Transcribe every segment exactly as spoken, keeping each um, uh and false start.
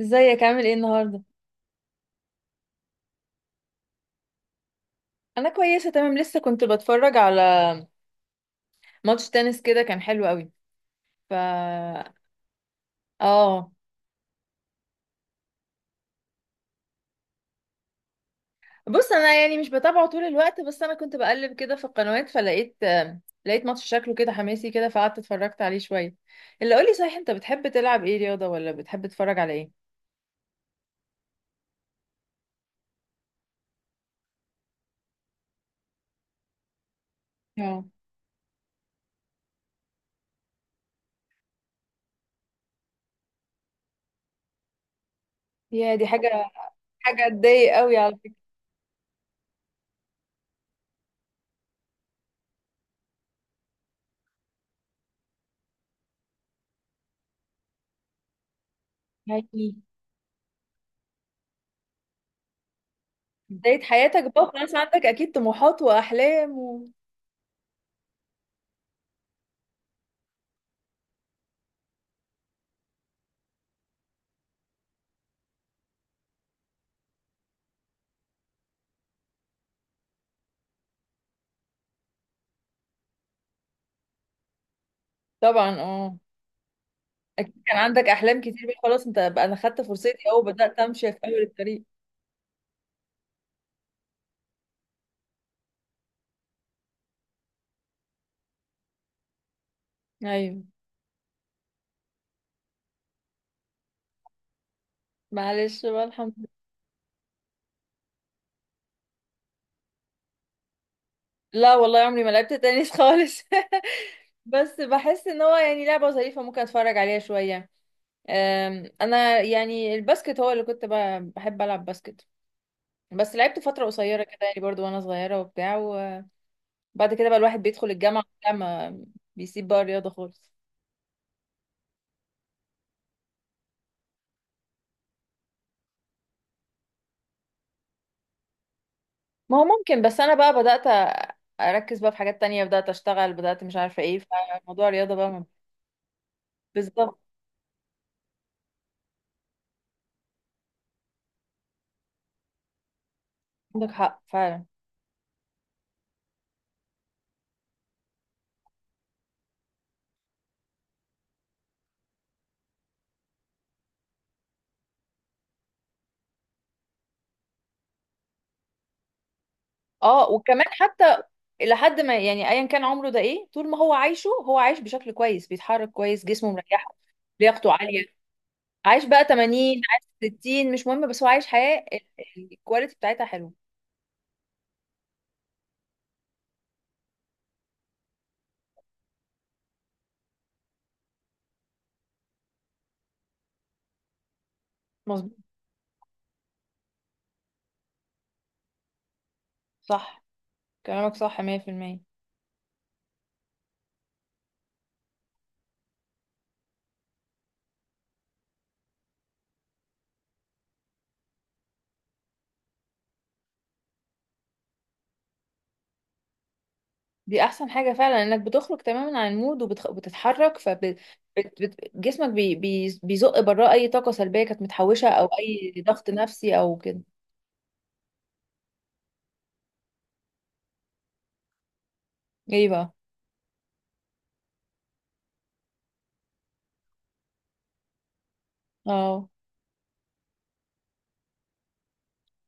ازيك؟ عامل ايه النهارده؟ انا كويسه، تمام. لسه كنت بتفرج على ماتش تنس كده، كان حلو قوي. ف اه بص، انا يعني مش بتابعه طول الوقت، بس انا كنت بقلب كده في القنوات فلقيت آه، لقيت ماتش شكله كده حماسي كده، فقعدت اتفرجت عليه شويه. اللي قولي صحيح، انت بتحب تلعب ايه رياضه؟ ولا بتحب تتفرج على ايه؟ اه، يا دي حاجه، حاجه تضايق قوي على فكره. هاي، بدايه حياتك بقى خلاص، عندك اكيد طموحات واحلام و... طبعا، اه. اكيد كان عندك احلام كتير بقى، خلاص انت بقى انا خدت فرصتي اهو، بدات امشي في اول الطريق. ايوه. معلش بقى، الحمد لله. لا والله، عمري ما لعبت تنس خالص. بس بحس ان هو يعني لعبه ظريفه، ممكن اتفرج عليها شويه. أم، انا يعني الباسكت هو اللي كنت ب- بحب العب باسكت. بس لعبت فتره قصيره كده يعني، برضو وانا صغيره وبتاع، وبعد كده بقى الواحد بيدخل الجامعه وبتاع، ما بيسيب بقى الرياضه خالص. ما هو ممكن، بس انا بقى بدأت، أ- اركز بقى في حاجات تانية، بدأت اشتغل، بدأت مش عارفة ايه. فموضوع الرياضة بقى ما- بالظبط. عندك حق فعلا. اه، وكمان حتى لحد ما، يعني ايا كان عمره، ده ايه؟ طول ما هو عايشه، هو عايش بشكل كويس، بيتحرك كويس، جسمه مريحه، لياقته عالية. عايش بقى تمانين، عايش ستين، مش مهم، بس هو عايش حياة ال- ال- الكواليتي بتاعتها حلوة. مظبوط. صح، كلامك صح مية في المية. دي احسن حاجة فعلا، انك بتخرج تماما عن المود وبتتحرك، فجسمك بي بي بيزق براه اي طاقة سلبية كانت متحوشة، او اي ضغط نفسي او كده. ايه بقى؟ اه،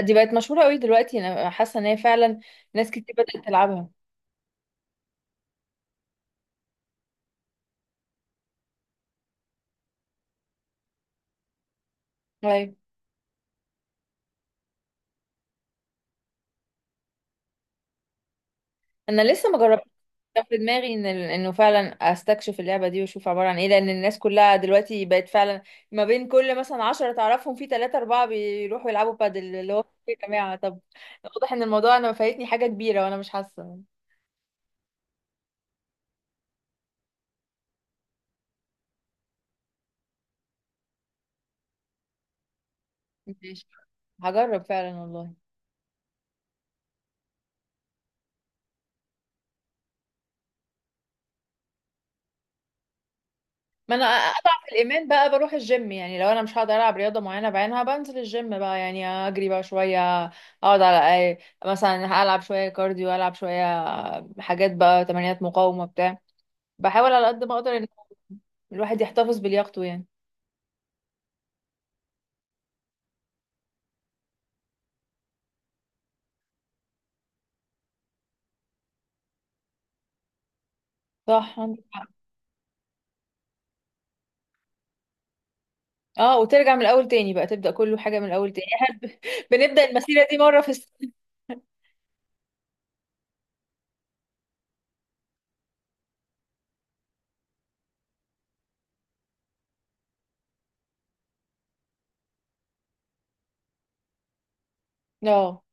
دي بقت مشهورة قوي دلوقتي، انا حاسة ان هي فعلا ناس كتير بدأت تلعبها. ايوه. انا لسه ما جربتهاش. كان في دماغي ان ال- انه فعلا استكشف اللعبه دي واشوف عباره عن ايه، لان الناس كلها دلوقتي بقت فعلا، ما بين كل مثلا عشرة تعرفهم في ثلاثة أربعة بيروحوا يلعبوا بادل، اللي هو إيه يا جماعه؟ طب واضح ان الموضوع انا فايتني حاجه كبيره وانا مش حاسه. ماشي، هجرب فعلا والله. ما انا اضعف الايمان بقى بروح الجيم، يعني لو انا مش هقدر العب رياضه معينه بعينها بنزل الجيم بقى، يعني اجري بقى شويه، اقعد على اي، مثلا العب شويه كارديو، العب شويه حاجات بقى، تمارين مقاومه بتاع. بحاول على قد ما اقدر ان الواحد يحتفظ بلياقته يعني. صح، عندك حق. اه، وترجع من الاول تاني بقى، تبدا كله حاجه من الاول تاني. احنا ب- بنبدا المسيره دي مره في السنه. اه.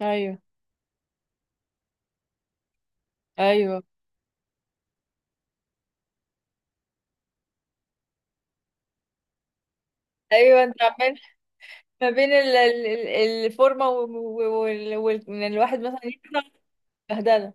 ايوه، ايوه، ايوه. انت عمال، ما بين ال- ال- ال- الفورمه و- و- وال- وان الواحد مثلا يطلع بهدله.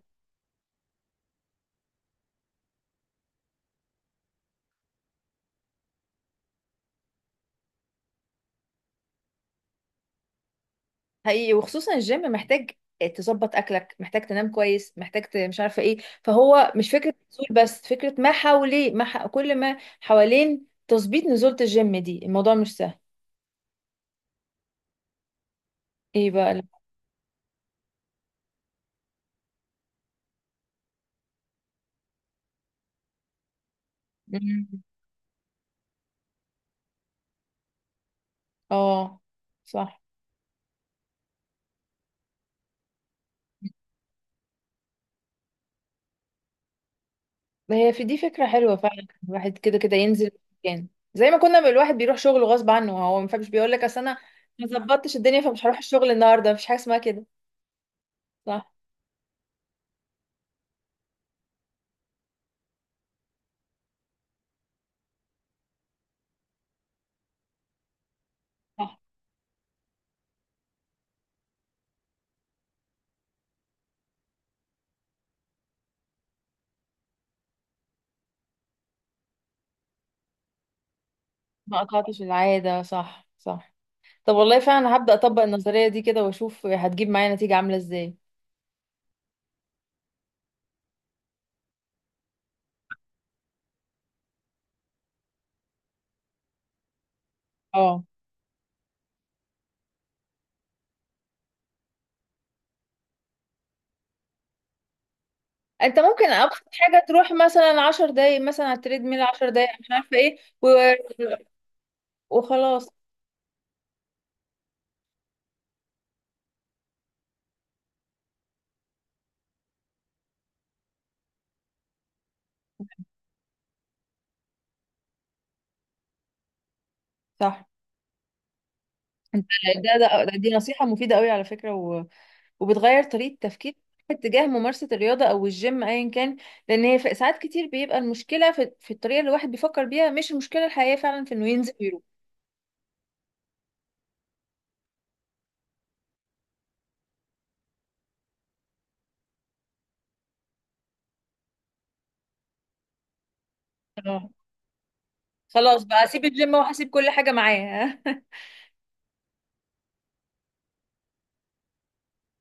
حقيقي، وخصوصا الجيم محتاج تظبط اكلك، محتاج تنام كويس، محتاج ت- مش عارفه ايه. فهو مش فكره نزول بس، فكره ما حواليه، ما ح... كل ما حوالين تظبيط نزوله الجيم دي الموضوع مش سهل. ايه بقى؟ اه. صح. هي في دي فكرة حلوة فعلا، الواحد كده كده ينزل مكان، زي ما كنا ب- الواحد بيروح شغله غصب عنه، هو ما فيش بيقول لك اصل انا ما ظبطتش الدنيا فمش هروح الشغل النهارده، مفيش حاجة اسمها كده. صح، صح. ما قطعتش العادة، صح صح. طب والله فعلا هبدأ اطبق النظرية دي كده واشوف هتجيب معايا نتيجة عاملة ازاي. اه. انت ممكن ابسط حاجة تروح مثلا عشر دقايق، مثلا على التريد ميل، عشر دقايق، مش عارفة ايه و... وخلاص. صح. انت ده, ده ده- دي نصيحة مفيدة قوي على فكرة، وبتغير طريقة تفكير اتجاه ممارسة الرياضة أو الجيم أيا كان. لأن هي ف- ساعات كتير بيبقى المشكلة في, في الطريقة اللي الواحد بيفكر بيها، مش المشكلة الحقيقية فعلا في إنه ينزل ويروح. اه. خلاص بقى أسيب الجيم وهسيب كل حاجة معاه.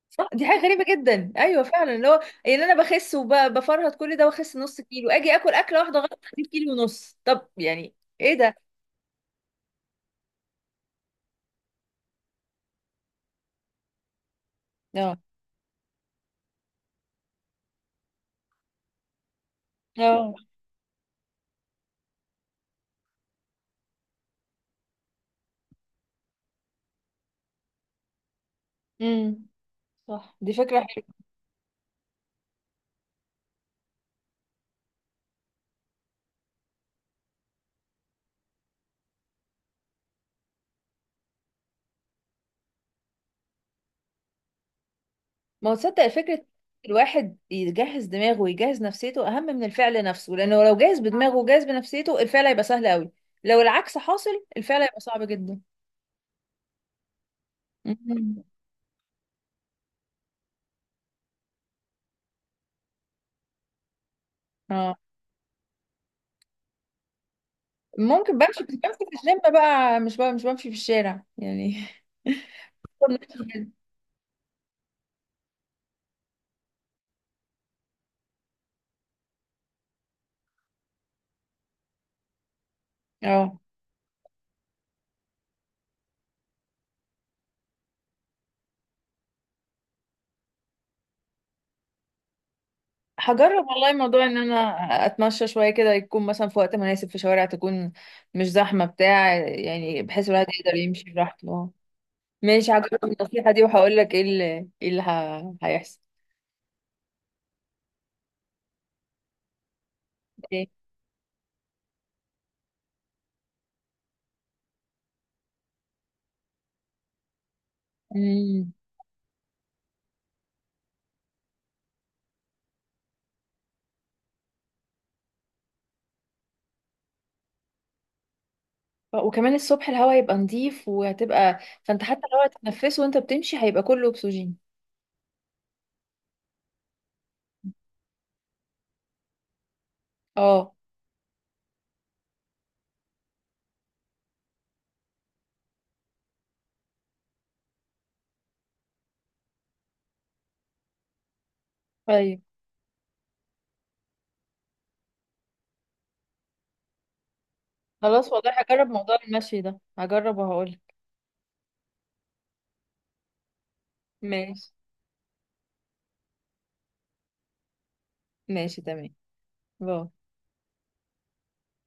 صح، دي حاجة غريبة جدا، أيوه فعلا. اللي هو يعني أنا بخس وبفرهد كل ده وأخس نص كيلو، أجي آكل أكلة واحدة غلط أجيب كيلو ونص، طب يعني إيه ده؟ اه، اه. امم. صح، دي فكرة حلوة. ما هو تصدق فكرة الواحد يجهز دماغه ويجهز نفسيته أهم من الفعل نفسه، لأنه لو جاهز بدماغه وجاهز بنفسيته الفعل هيبقى سهل قوي، لو العكس حاصل الفعل هيبقى صعب جدا. مم. اه. ممكن، بمشي بس بمشي في الجيم بقى، مش بقى مش بمشي في الشارع يعني. اه، هجرب والله موضوع ان انا اتمشى شويه كده، يكون مثلا في وقت مناسب، في شوارع تكون مش زحمه بتاع، يعني بحيث الواحد يقدر يمشي براحته. ماشي، هجرب النصيحة دي وهقول لك ايه اللي، ايه اللي ه- هيحصل. ايه؟ امم. ف- وكمان الصبح الهواء يبقى نظيف، وهتبقى فانت حتى لو هتتنفسه وانت بتمشي هيبقى كله اكسجين. اه. طيب، خلاص والله هجرب موضوع المشي ده، هجرب وهقول. ماشي، ماشي تمام. باي.